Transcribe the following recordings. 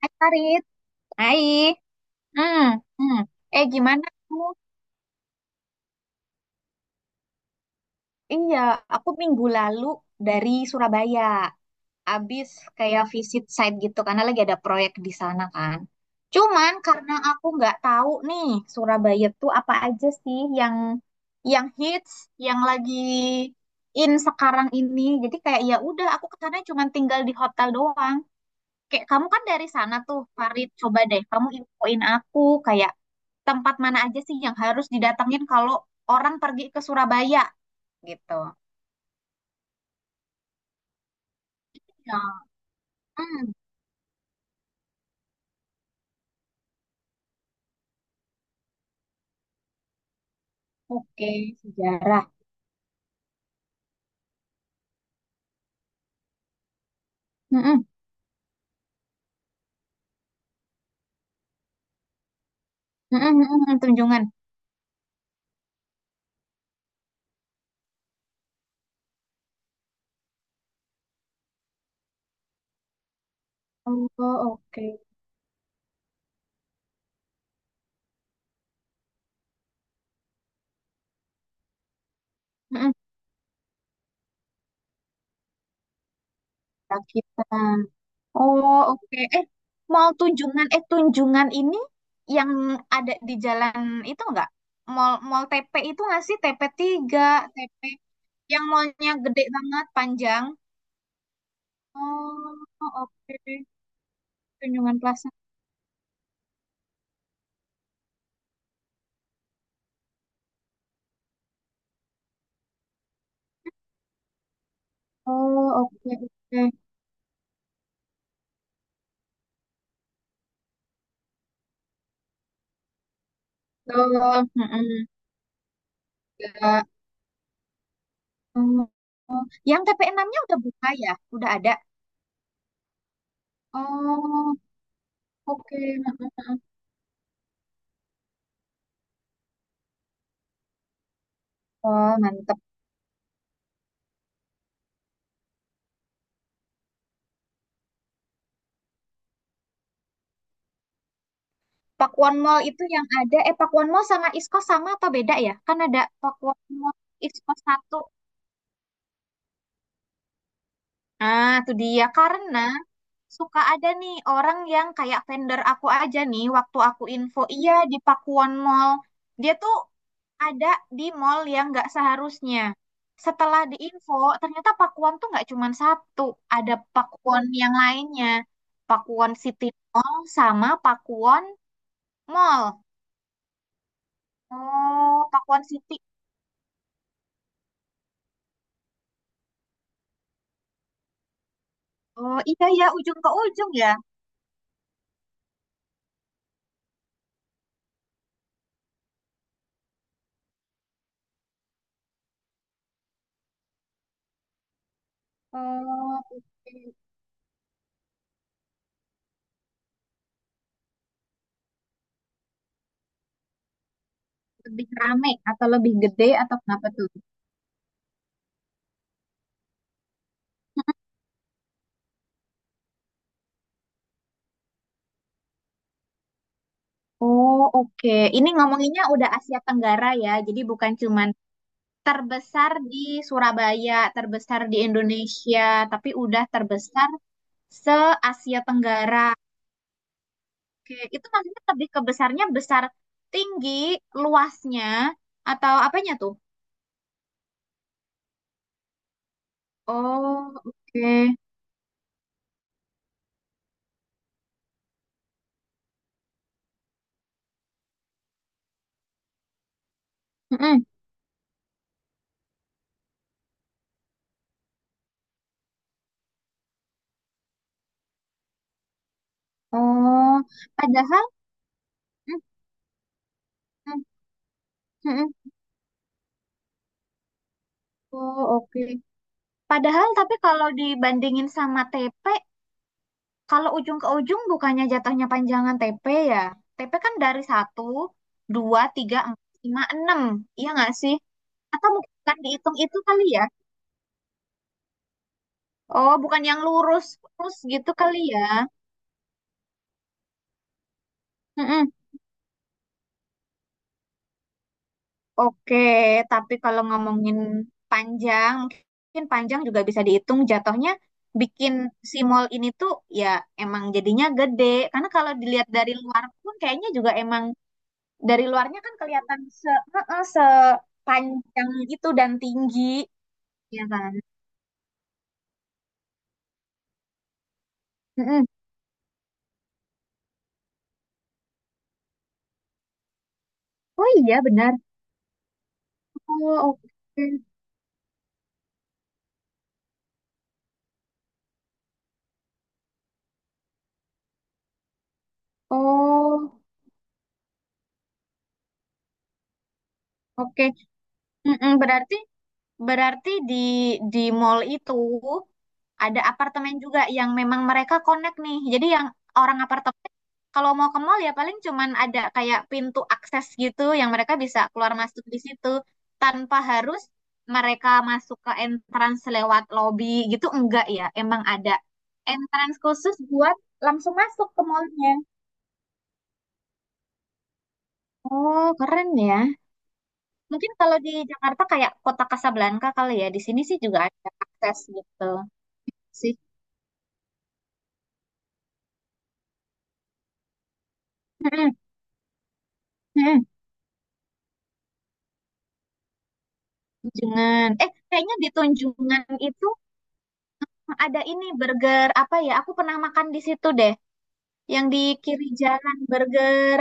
Hai Farid, hai. Hmm, hmm. Gimana kamu? Iya, aku minggu lalu dari Surabaya. Abis kayak visit site gitu karena lagi ada proyek di sana kan. Cuman karena aku nggak tahu nih Surabaya tuh apa aja sih yang hits, yang lagi in sekarang ini. Jadi kayak ya udah aku ke sana cuman tinggal di hotel doang. Kayak kamu kan dari sana tuh, Farid. Coba deh kamu infoin aku kayak tempat mana aja sih yang harus didatengin kalau orang pergi ke Surabaya gitu. Ya, hmm, oke, sejarah. Mm-mm, mm-mm, Tunjungan. Oh, oke. Mm-mm. Kita. Oh, oke. Mall Tunjungan, Tunjungan ini yang ada di jalan itu enggak? Mall Mall TP itu nggak sih? TP 3, TP yang mallnya gede banget, panjang. Oh, oke. Tunjungan Plaza. Oh, oke, oke. Betul. Mm-mm. Nggak. Oh, oh. Yang TP6-nya udah buka ya? Udah ada? Oh, oke. Mm-mm. Oh, mantep. Pakuwon Mall itu yang ada. Eh, Pakuwon Mall sama Iskos sama atau beda ya? Kan ada Pakuwon Mall, Iskos satu. Ah, itu dia. Karena suka ada nih orang yang kayak vendor aku aja nih waktu aku info. Iya, di Pakuwon Mall. Dia tuh ada di mall yang nggak seharusnya. Setelah diinfo, ternyata Pakuwon tuh nggak cuma satu, ada Pakuwon yang lainnya. Pakuwon City Mall sama Pakuwon Mall. Oh, Pakuwon City. Oh, iya ya, ujung ke ujung ya. Oh, oke. Lebih rame atau lebih gede atau kenapa tuh? Oh, oke. Ini ngomonginnya udah Asia Tenggara ya, jadi bukan cuman terbesar di Surabaya, terbesar di Indonesia, tapi udah terbesar se-Asia Tenggara. Oke, itu maksudnya lebih ke besarnya besar tinggi, luasnya, atau apanya tuh? Oh, oke. Mm-mm. Oh, padahal, mm, mm, mm-mm. Oh, oke. Padahal tapi kalau dibandingin sama TP, kalau ujung ke ujung bukannya jatuhnya panjangan TP ya? TP kan dari satu, dua, tiga, empat, lima, enam. Iya nggak sih? Atau mungkin bukan dihitung itu kali ya? Oh, bukan yang lurus, lurus gitu kali ya? Mm-mm. Oke, tapi kalau ngomongin panjang, mungkin panjang juga bisa dihitung jatuhnya bikin si mall ini tuh ya emang jadinya gede. Karena kalau dilihat dari luar pun kayaknya juga emang dari luarnya kan kelihatan se heeh, sepanjang itu dan tinggi, ya kan? Mm-mm. Oh iya benar. Oh oke. Oh oke. Mm-mm. Berarti Berarti di mall itu ada apartemen juga yang memang mereka connect nih. Jadi yang orang apartemen kalau mau ke mall ya paling cuman ada kayak pintu akses gitu yang mereka bisa keluar masuk di situ tanpa harus mereka masuk ke entrance lewat lobby gitu enggak ya. Emang ada entrance khusus buat langsung masuk ke mallnya. Oh, keren ya. Mungkin kalau di Jakarta kayak Kota Kasablanka kali ya. Di sini sih juga ada akses gitu sih. Mm-mm, mm-mm. Tunjungan. Eh, kayaknya di Tunjungan itu ada ini burger apa ya? Aku pernah makan di situ deh. Yang di kiri jalan burger,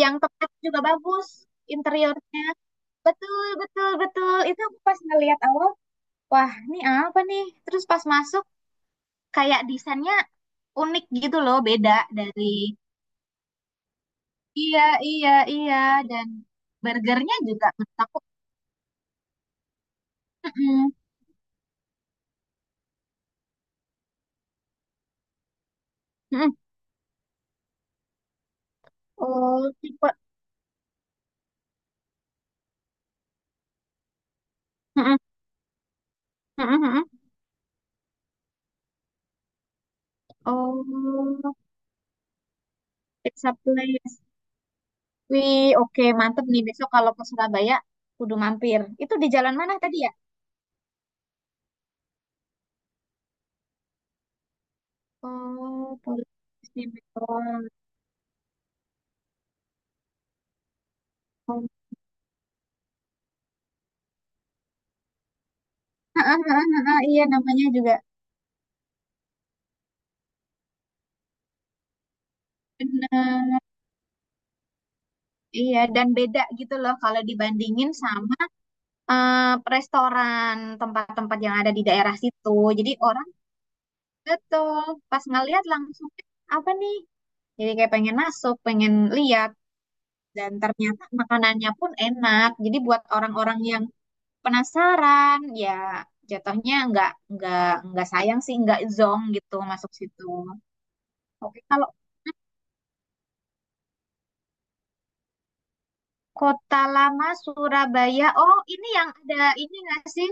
yang tempatnya juga bagus interiornya. Betul, betul, betul. Itu aku pas ngeliat awal, wah, ini apa nih? Terus pas masuk kayak desainnya unik gitu loh, beda dari. Iya, iya, iya dan burgernya juga menurut aku mm-mm, mm-mm. Oh, tipe mm-mm, mm-mm. Oh, pizza place. Wih, oke, mantep nih. Besok kalau ke Surabaya, kudu mampir. Itu di jalan mana tadi ya? Oh, Polisi Bogor. Oh. Ah, ah, ah, ah, ah, Iya, namanya juga bener. Iya, dan beda gitu loh kalau dibandingin sama eh, restoran tempat-tempat yang ada di daerah situ. Jadi orang betul pas ngeliat langsung apa nih? Jadi kayak pengen masuk, pengen lihat. Dan ternyata makanannya pun enak. Jadi buat orang-orang yang penasaran ya jatuhnya nggak nggak sayang sih nggak zonk gitu masuk situ oke kalau kota lama Surabaya oh ini yang ada ini nggak sih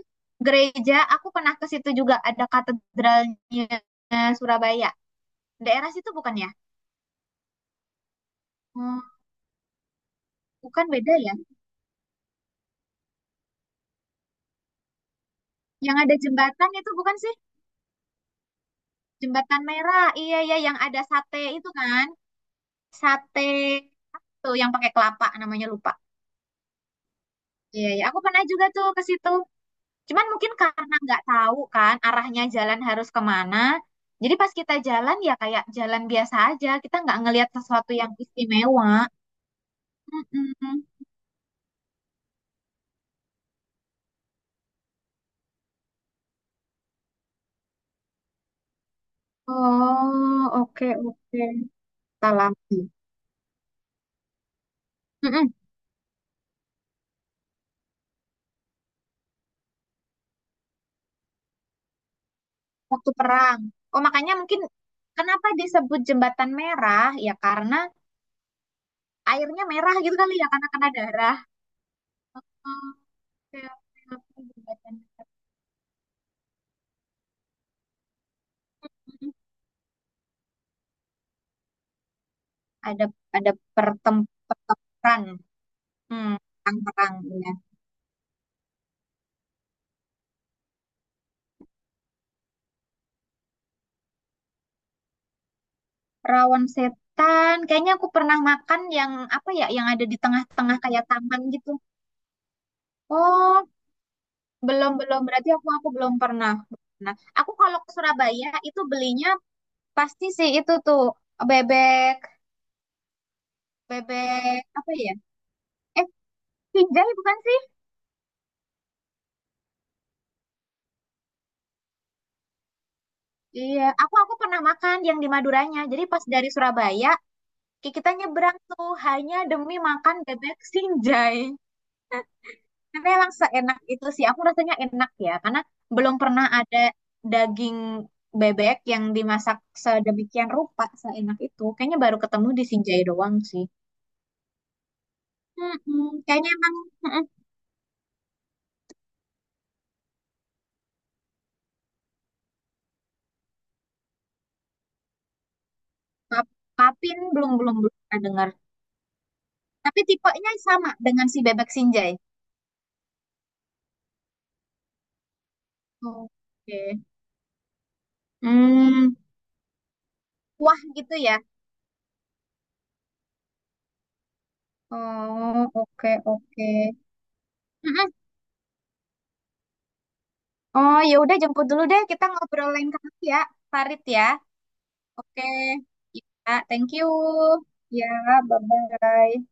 gereja aku pernah ke situ juga ada katedralnya Surabaya daerah situ bukan ya? Hmm, bukan beda ya yang ada jembatan itu bukan sih jembatan merah iya iya yang ada sate itu kan sate tuh yang pakai kelapa namanya lupa iya iya aku pernah juga tuh ke situ. Cuman mungkin karena nggak tahu kan arahnya jalan harus kemana, jadi pas kita jalan ya kayak jalan biasa aja, kita nggak ngelihat sesuatu yang istimewa. Mm-mm. Oh, oke oke. Kita lagi. Mm-mm. Waktu perang. Oh, makanya mungkin kenapa disebut jembatan merah? Ya karena airnya merah gitu kali ya karena kena darah. Oh, oke oke oke. Jembatan. Mm-mm. Ada ada pertem pertempuran. Hmm, perang-perang. Iya. Rawon setan. Kayaknya aku pernah makan yang apa ya, yang ada di tengah-tengah kayak taman gitu. Oh, belum belum berarti aku belum pernah. Nah, aku kalau ke Surabaya itu belinya pasti sih itu tuh bebek bebek apa ya? Eh, Kijai bukan sih? Iya, aku pernah makan yang di Maduranya. Jadi pas dari Surabaya, kita nyebrang tuh hanya demi makan bebek sinjai. Tapi emang seenak itu sih. Aku rasanya enak ya, karena belum pernah ada daging bebek yang dimasak sedemikian rupa, seenak itu. Kayaknya baru ketemu di Sinjai doang sih. Mm-mm, kayaknya emang mm-mm. Papin belum belum belum pernah dengar. Tapi tipenya sama dengan si bebek Sinjai. Oke. Hmm, wah gitu ya. Oh, oke oke. Mm-mm. Oh, ya udah jemput dulu deh. Kita ngobrol lain kali ya, Farid ya. Oke, ya, thank you. Ya, bye-bye.